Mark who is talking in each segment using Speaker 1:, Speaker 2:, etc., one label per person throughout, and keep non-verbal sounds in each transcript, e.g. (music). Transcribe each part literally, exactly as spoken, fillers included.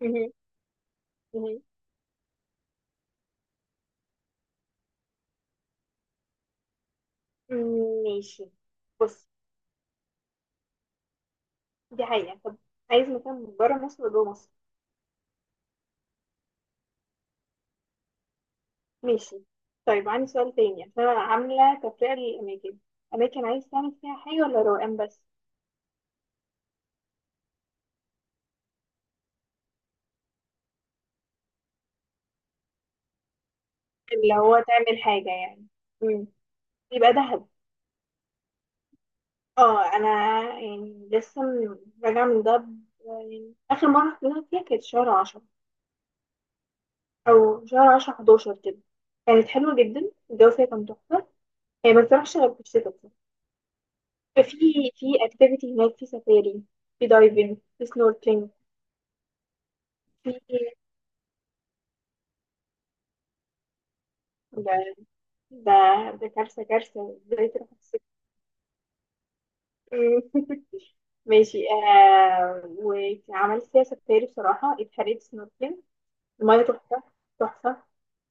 Speaker 1: مهم. مهم. ماشي. بص، دي حقيقة. طب، عايز مكان برا مصر ولا جوه مصر؟ ماشي. طيب عندي سؤال تاني، عشان أنا عاملة تفرقة للأماكن. أماكن عايز تعمل فيها حاجة ولا روقان بس؟ اللي هو تعمل حاجة يعني. مم. يبقى دهب. اه، أنا يعني لسه من- راجعة من دهب. يعني آخر مرة رحت دهب فيها كانت شهر عشرة، أو شهر عشرة حداشر كده. كانت حلوة جدا، الجو فيها كان تحفة. هي ما بتروحش غير في الشتاء. في في اكتيفيتي هناك، في سفاري، في دايفنج، في سنوركلينج. في ده ده ده كارثة، كارثة، ازاي تروح السك- (laughs) ماشي. آه، وعملت فيها سفاري، بصراحة اتحرقت سنوركلينج. المية تحفة، تحفة.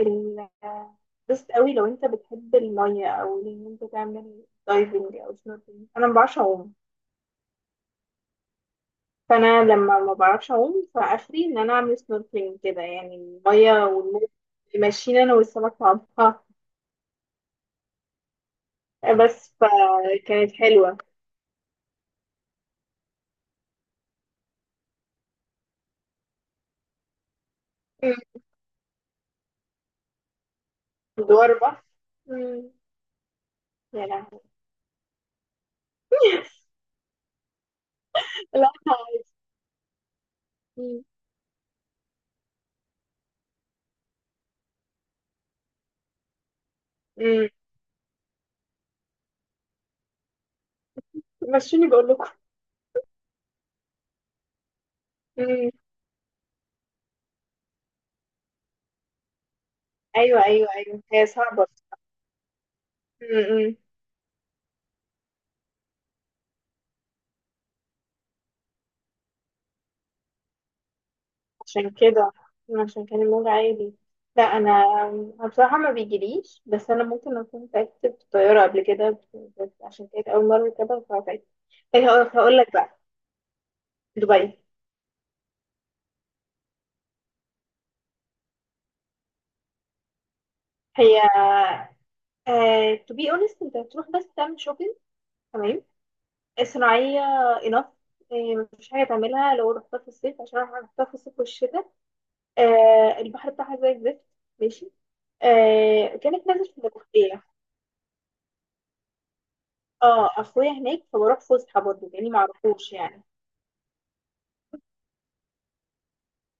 Speaker 1: ال- آه، بس قوي لو انت بتحب المية، او ان انت تعمل دايفنج او سنوركلينج. انا ما بعرفش اعوم. فانا لما ما بعرفش اعوم، فاخري ان انا اعمل سنوركلينج كده يعني، الميه والموج ماشيين، انا والسمك مع بعضها. بس فكانت حلوه. مم. دوار بحر. مم. يا لهوي! (laughs) لا، عادي. مم. مم. مشوني بقول لكم. مم. ايوه، ايوه، ايوه، هي صعبه. مم. عشان كده، عشان كان الموج عالي. لا. انا أنا بصراحه ما بيجيليش. بس انا ممكن اكون تعبت في الطياره قبل كده. بس عشان كانت اول مره كده، فتعبت. طيب هقول هقول لك بقى. دبي. هي، تو بي اونست انت هتروح بس تعمل شوبينج، تمام. صناعيه. انف. مفيش حاجه تعملها لو رحتها في الصيف، عشان انا رحتها في الصيف والشتاء. آه، البحر بتاعها زي الزفت. ماشي. آه، كانك نازل في المنوفيه. اه، اخويا هناك فبروح فسحه برضه يعني، معرفوش يعني.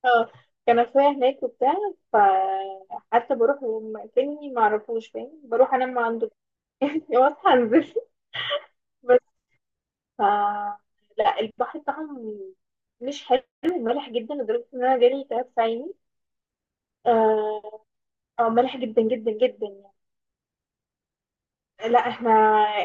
Speaker 1: اه، كان اخويا هناك وبتاع. فحتى بروح وم- كاني معرفوش فاهم، بروح انام عنده. (laughs) واصحى انزل. بس. ف لا، البحر بتاعهم مش حلو، مالح جدا لدرجه ان انا جالي تعب في عيني. اه. آه، مالح جدا جدا جدا يعني. لا، احنا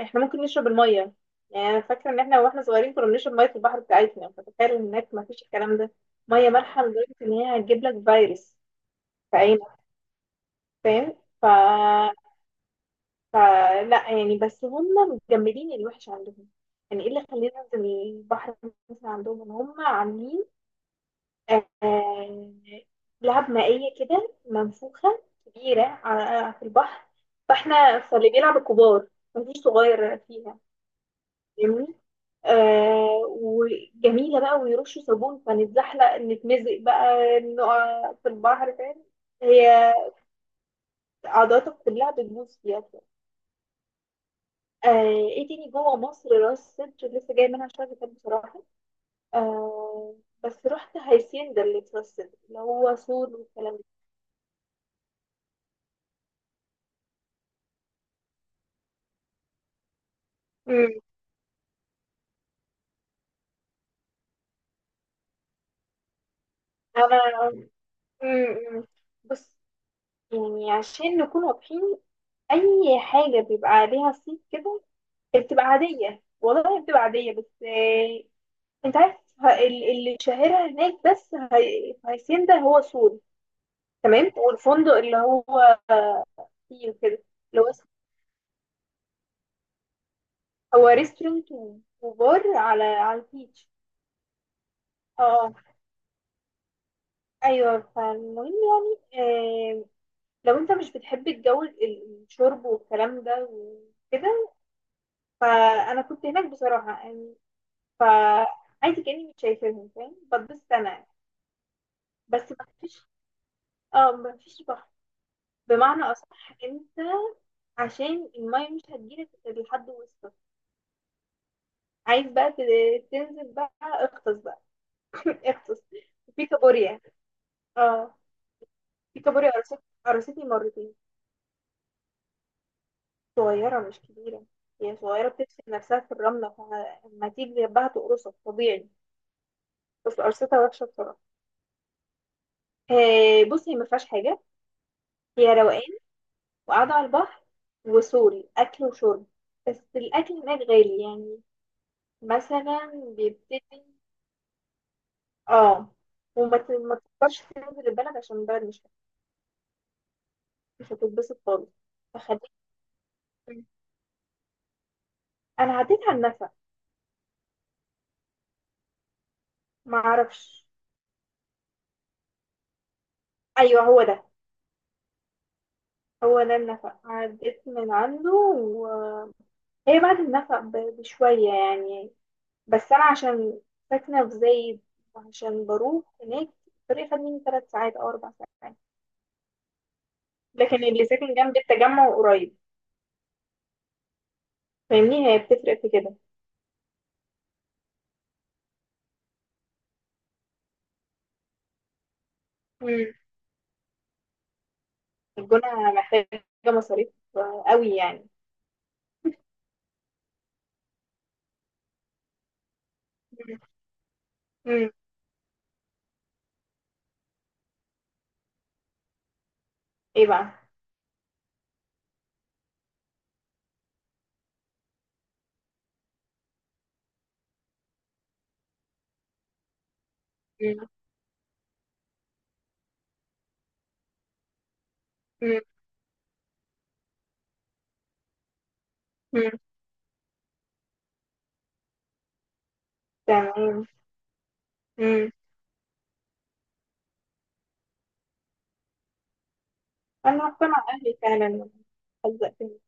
Speaker 1: احنا ممكن نشرب الميه. يعني انا فاكره ان احنا واحنا صغيرين كنا بنشرب ميه في البحر بتاعتنا، فتخيل ان هناك ما فيش الكلام ده. ميه مالحه لدرجه ان هي هتجيب لك فيروس في اي مكان، فاهم. ف... فلا يعني، بس هم مجمدين الوحش عندهم. يعني ايه اللي خلينا ننزل البحر؟ مثلا عندهم ان هم عاملين آه... لعب مائية كده منفوخة كبيرة على في البحر. فاحنا فاللي بيلعب الكبار، مفيش صغير فيها، فاهمني. آه، وجميلة بقى، ويرشوا صابون فنتزحلق نتمزق بقى، نقع في البحر، فاهم. هي، عضلاتك كلها بتبوظ فيها. آه. ايه تاني جوه مصر؟ راس سدر لسه جاي منها شويه كتاب بصراحه. آه، بس رحت هيسيندا اللي في راس سدر، اللي هو سور والكلام ده. امم انا أمم، أمم. بص، يعني عشان نكون واضحين، اي حاجه بيبقى عليها صيت كده بتبقى عاديه. والله هي بتبقى عاديه، بس آه، انت عارف ه- ال- اللي شاهرها هناك. بس هي- في هيسيندا هو سور، تمام. والفندق اللي هو فيه وكده. اللي هو هو ريستورانت وبار على على البيتش. اه، آه. ايوه، فالمهم يعني، آه، لو انت مش بتحب الجو ال- ال- الشرب والكلام ده وكده. فانا كنت هناك بصراحه يعني، فعادي كاني مش شايفاهم، فاهم. بتبسط انا. بس ما فيش اه ما فيش بحر بمعنى اصح. انت، عشان الميه مش هتجيلك غير لحد وسطك. عايز بقى ت- تنزل بقى، اغطس بقى. (laughs) اغطس في كابوريا. اه، الكابوريا قرصت قرصتني مرتين. صغيرة مش كبيرة. هي صغيرة بتدفن نفسها في الرملة، فلما تيجي جنبها تقرصك طبيعي. بس قرصتها وحشة بصراحة. آه، بصي هي ما فيهاش حاجة. هي روقان وقاعدة على البحر، وسوري أكل وشرب. بس الأكل هناك غالي يعني، مثلا بيبتدي. اه، وما ت- ما تفكرش تنزل البلد، عشان البلد مش مش هتتبسط خالص. فخليك. أنا عديت على النفق. ما أعرفش. أيوه هو ده. هو ده النفق، عديت من عنده، وهي بعد النفق ب- بشوية يعني. بس أنا عشان ساكنة في زايد، وعشان بروح هناك، الطريق خد مني تلات ساعات أو أربع ساعات. لكن اللي ساكن جنب التجمع قريب، فاهمني، هي بتفرق في كده. مم. الجونة محتاجة مصاريف قوي يعني. مم. مم. ايه بقى؟ مم. مم. مم. تمام. مم. أنا رحت مع أهلي فعلا، حزقتني.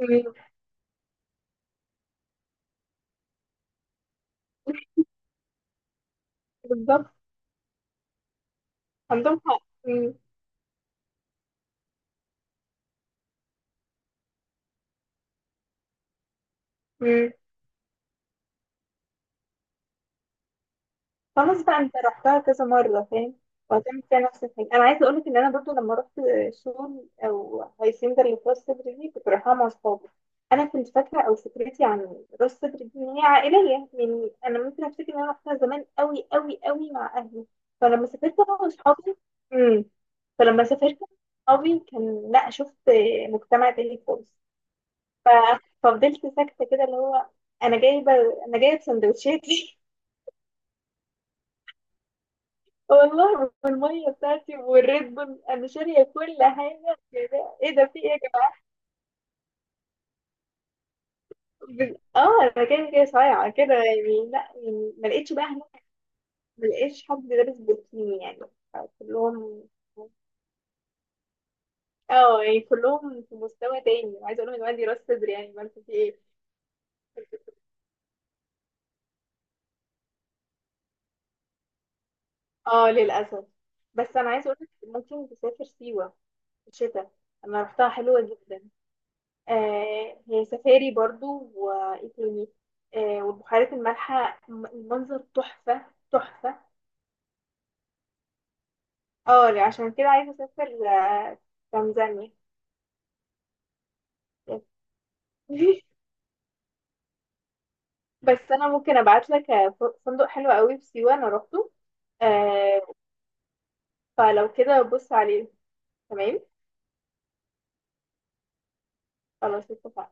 Speaker 1: مم. بالظبط. عندهم حق. مم. مم. خلاص بقى، انت رحتها كذا مرة، فاهم. وهتعمل فيها نفس الحاجة. انا عايزة اقولك ان انا برضو لما رحت شغل او هيسنجر اللي في راس صدر دي، كنت رايحاها مع صحابي. انا كنت فاكرة او فكرتي عن راس صدر دي ان هي عائلية. يعني انا ممكن افتكر ان انا رحتها زمان قوي قوي قوي مع اهلي. فلما سافرت انا وصحابي. امم. فلما سافرت صحابي كان، لا، شفت مجتمع تاني خالص. ف- ففضلت ساكتة كده اللي هو، انا جايبة انا جايبة سندوتشاتي. والله بالميه بتاعتي والريد بول، انا شاريه كل حاجه يا جماعة. ايه ده؟ في ايه يا جماعه؟ بال- اه انا كده كده صايعه كده يعني. لا يعني، ما لقيتش بقى هناك. ما لقيتش حد لابس بوتيني يعني. كلهم اه يعني كلهم في مستوى تاني، عايزه اقول لهم ان عندي راس صدر، يعني ما في ايه. اه للاسف. بس انا عايزه اقول لك، ممكن تسافر سيوه في الشتاء. انا رحتها، حلوه جدا. آه، هي سفاري برضو، وايه تاني. آه، والبحيرات المالحة، الم- المنظر تحفة، تحفة. اه لا، عشان كده عايزة اسافر آه، تنزانيا. (laughs) بس انا ممكن ابعت لك فندق حلو قوي في سيوة، انا روحته. آه، فلو كده بص عليه. تمام. خلاص اتفقنا.